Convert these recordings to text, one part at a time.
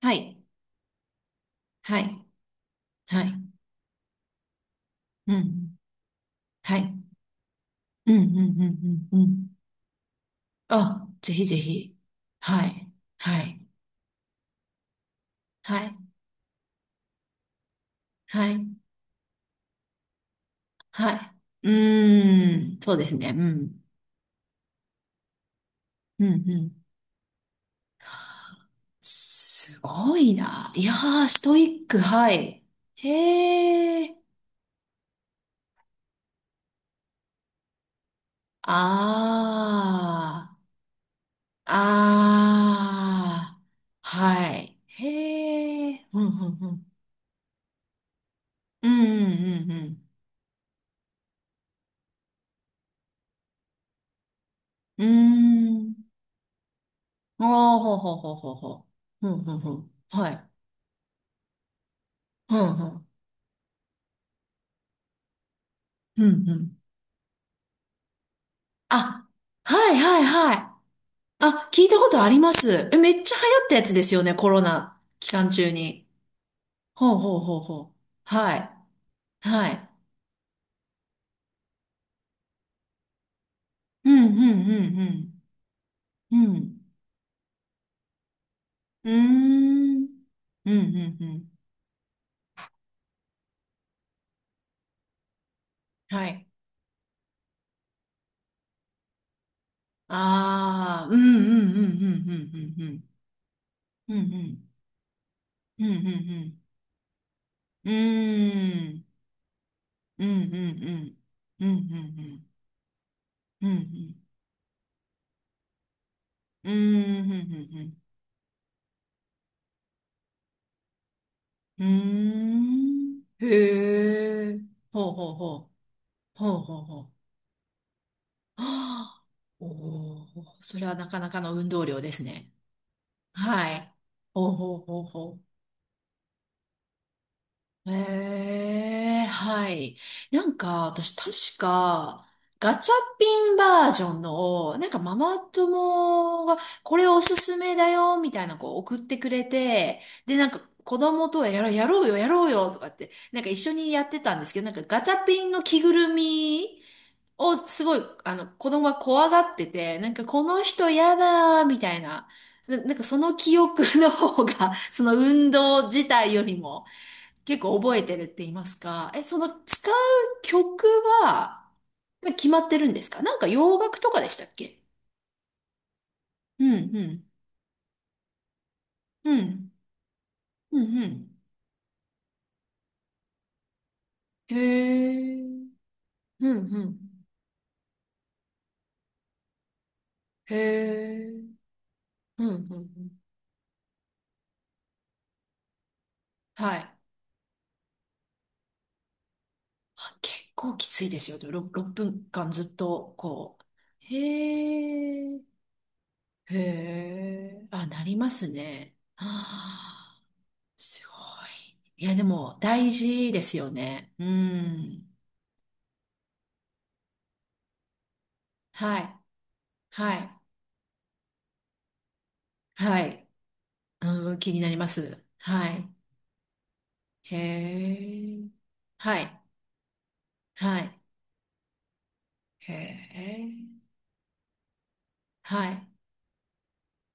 はい。はい。はい。うん。はい。うん、うん、うん、うん、うん。あ、ぜひぜひ。はい。はい。はい。はい。はい。うーん。そうですね。うん。うん、うん。すごいな。いやー、ストイック。はい。へー。あー。あー。はい。へー。うん、うん、うん。うん、うん、うん、うん。うーん。ああ、ほうほうほうほうほう。うんうんうん。はい。うんうん。うんうん。あ、はいはいはい。あ、聞いたことあります。え、めっちゃ流行ったやつですよね、コロナ期間中に。ほうほうほうほう。はい。はい。うんうんうんうん。うん。うーん。うんうんうん。はい。ああ、うんうんうんうんうん、うんうん。うんうんうんうんうん。うーん。うんうんうん。うんうんうん。うんうん。うーん、ふんふんふん。うーん。へえ。ほうほうほう。ほうほうほう。はあ、おお、それはなかなかの運動量ですね。はい。ほうほうほうほう。ええ、はい。なんか、私確か、ガチャピンバージョンの、なんかママ友が、これおすすめだよ、みたいなこう送ってくれて、で、なんか子供とはやろう、やろうよ、やろうよ、とかって、なんか一緒にやってたんですけど、なんかガチャピンの着ぐるみをすごい、あの、子供が怖がってて、なんかこの人やだ、みたいな。なんかその記憶の方が、その運動自体よりも、結構覚えてるって言いますか。え、その使う曲は、まあ決まってるんですか？なんか洋楽とかでしたっけ？うん、うん、うん、うん、うん。へえ、うん、うん。へえ、うん、うん、うん。はい。あ、結構きついですよね。6、分間ずっと、こう。へえ、へえ、あ、なりますね。はあ、すごい。いや、でも、大事ですよね。うん。はい。はい。はい。うん、気になります。はい。へえ。はい。はい。へえ。はい。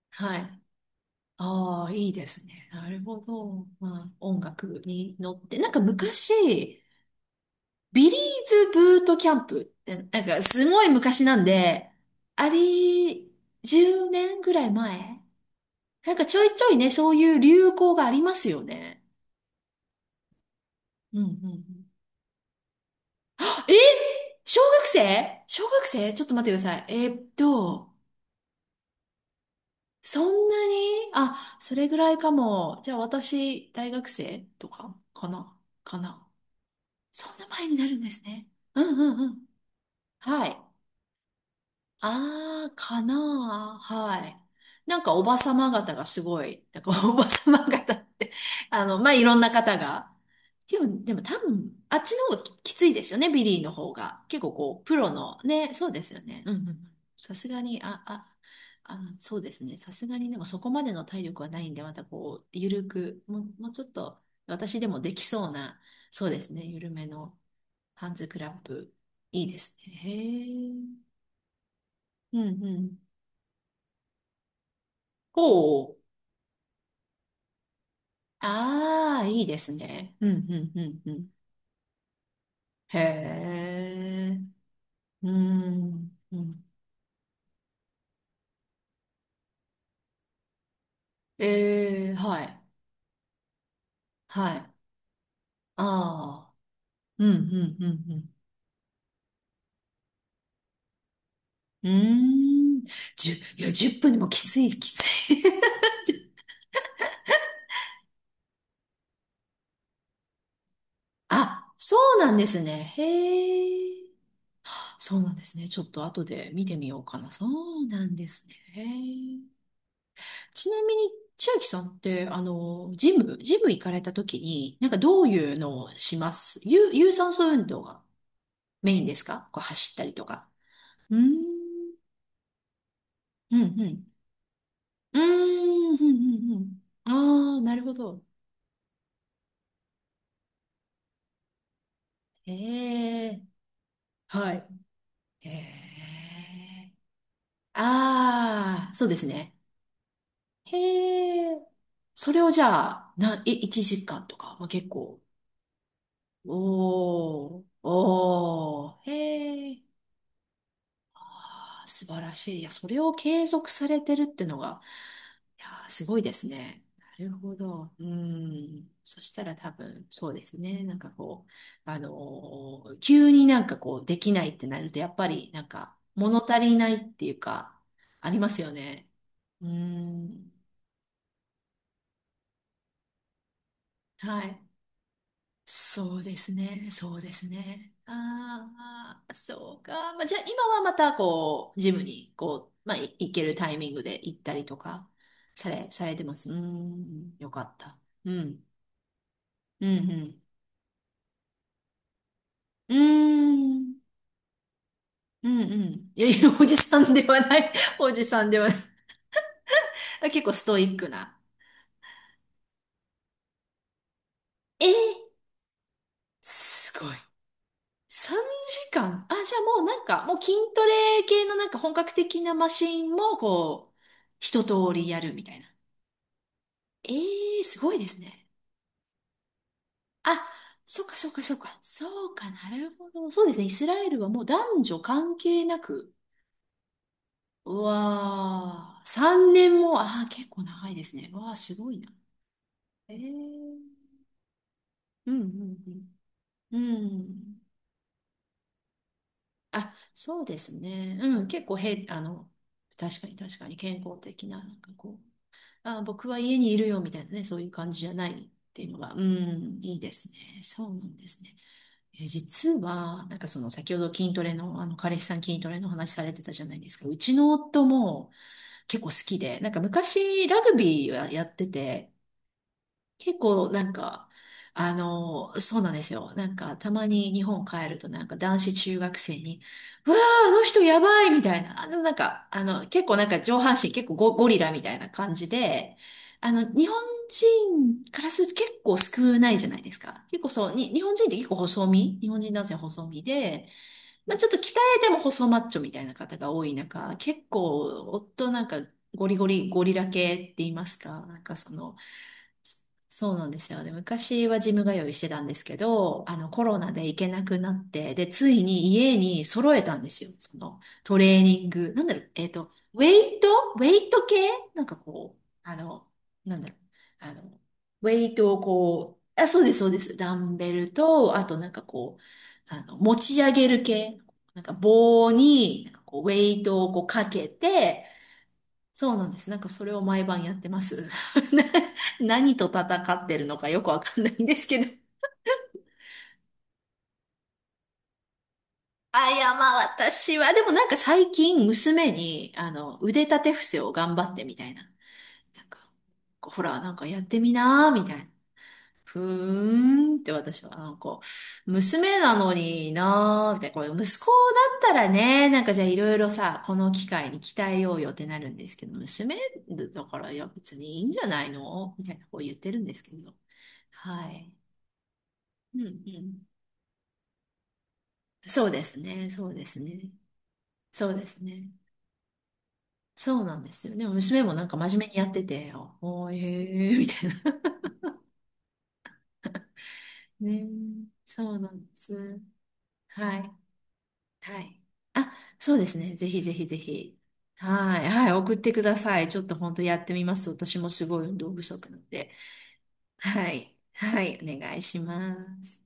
はい。ああ、いいですね。なるほど。まあ、音楽に乗って。なんか昔、ビリーズブートキャンプって、なんかすごい昔なんで、あり、10年ぐらい前、なんかちょいちょいね、そういう流行がありますよね。うんうんうん。あえ、小学生、小学生、ちょっと待ってください。そんなに？あ、それぐらいかも。じゃあ私、大学生とか、かな、かな。そんな前になるんですね。うんうんうん。はい。ああ、かな。あ、はい。なんかおばさま方がすごい、なんかおばさま方って、まあ、いろんな方が。でも、でも多分、あっちの方がき、きついですよね、ビリーの方が。結構こう、プロの、ね、そうですよね。うんうんうん。さすがに、そうですね。さすがに、でもそこまでの体力はないんで、またこう、ゆるく、もう、もうちょっと、私でもできそうな、そうですね、ゆるめのハンズクラップ、いいですね。へえ。うんうん。ほう。ああ、いいですね。うん、うん、うん、うん。へえ。うん、うん。ええ、はい。はい。ああ。うん、うん、うん、うん。うーん。じゅ、いや、10分でもきつい、きつい。あ、そうなんですね。へえ。そうなんですね。ちょっと後で見てみようかな。そうなんですね。へえ。ちなみに、千秋さんって、ジム、ジム行かれた時に、なんかどういうのをします？有、有酸素運動がメインですか？こう走ったりとか。うーん、うん、うん。うーん、うん、うんうん。ああ、なるほど。へえ、はい。へえ。ああ、そうですね。へえ。それをじゃあ、な、え、1時間とか、まあ、結構。おー、おー、へえ。あー、素晴らしい。いや、それを継続されてるってのが、いやー、すごいですね。なるほど。うん。そしたら多分、そうですね。なんかこう、あの急になんかこう、できないってなると、やっぱり、なんか、物足りないっていうか、ありますよね。うん。はい。そうですね、そうですね。ああ、そうか。まあ、じゃあ今はまたこう、ジムにこう、まあ、い、行けるタイミングで行ったりとか、され、されてます。うーん、よかった。うん、うん、うん。うーん、うん、うん。いやいや、おじさんではない。おじさんではない。あ、結構ストイックな。えー、すごい。3時間。あ、じゃあもうなんか、もう筋トレ系のなんか本格的なマシンもこう、一通りやるみたいな。ええーすごいですね。あ、そっかそっかそっか。そうか、なるほど。そうですね。イスラエルはもう男女関係なく。うわあ、3年も、ああ、結構長いですね。うわあ、すごいな。ええ、うんうんうん。うん。あ、そうですね。うん、結構、へ、確かに確かに、健康的な、なんかこう、あ、僕は家にいるよみたいなね、そういう感じじゃないっていうのが、うん、いいですね。そうなんですね。え、実は、なんかその先ほど筋トレの、あの、彼氏さん筋トレの話されてたじゃないですか。うちの夫も結構好きで、なんか昔ラグビーはやってて、結構なんか、あの、そうなんですよ。なんか、たまに日本帰るとなんか男子中学生に、うわー、あの人やばいみたいな。結構なんか上半身結構ゴリラみたいな感じで、あの、日本人からすると結構少ないじゃないですか。結構そう、に、日本人って結構細身、日本人男性細身で、まあちょっと鍛えても細マッチョみたいな方が多い中、結構、夫なんかゴリゴリ、ゴリラ系って言いますか。なんかその、そうなんですよね。昔はジム通いしてたんですけど、あのコロナで行けなくなって、で、ついに家に揃えたんですよ。そのトレーニング。なんだろう、イトウェイト系なんかこう、あの、なんだろう、あの、ウェイトをこう、あ、そうです、そうです。ダンベルと、あとなんかこう、あの、持ち上げる系。なんか棒に、なんかこう、ウェイトをこうかけて、そうなんです。なんかそれを毎晩やってます。な、何と戦ってるのかよくわかんないんですけど。あ、いや、まあ私は、でもなんか最近娘に、あの、腕立て伏せを頑張ってみたいな。なんか、ほら、なんかやってみなーみたいな。ふーんって、私はなんか、娘なのになーみ、これ息子だったらね、なんかじゃあいろいろさ、この機会に鍛えようよってなるんですけど、娘だから、いや別にいいんじゃないの、みたいなこう言ってるんですけど。はい。うんうん。そうですね、そうですね。そうですね。そうなんですよ。でも娘もなんか真面目にやってて、おーえー、みたいな。ね、そうなんです。はい。はい。あ、そうですね。ぜひぜひぜひ。はい。はい。送ってください。ちょっと本当やってみます。私もすごい運動不足なんで。はい。はい。お願いします。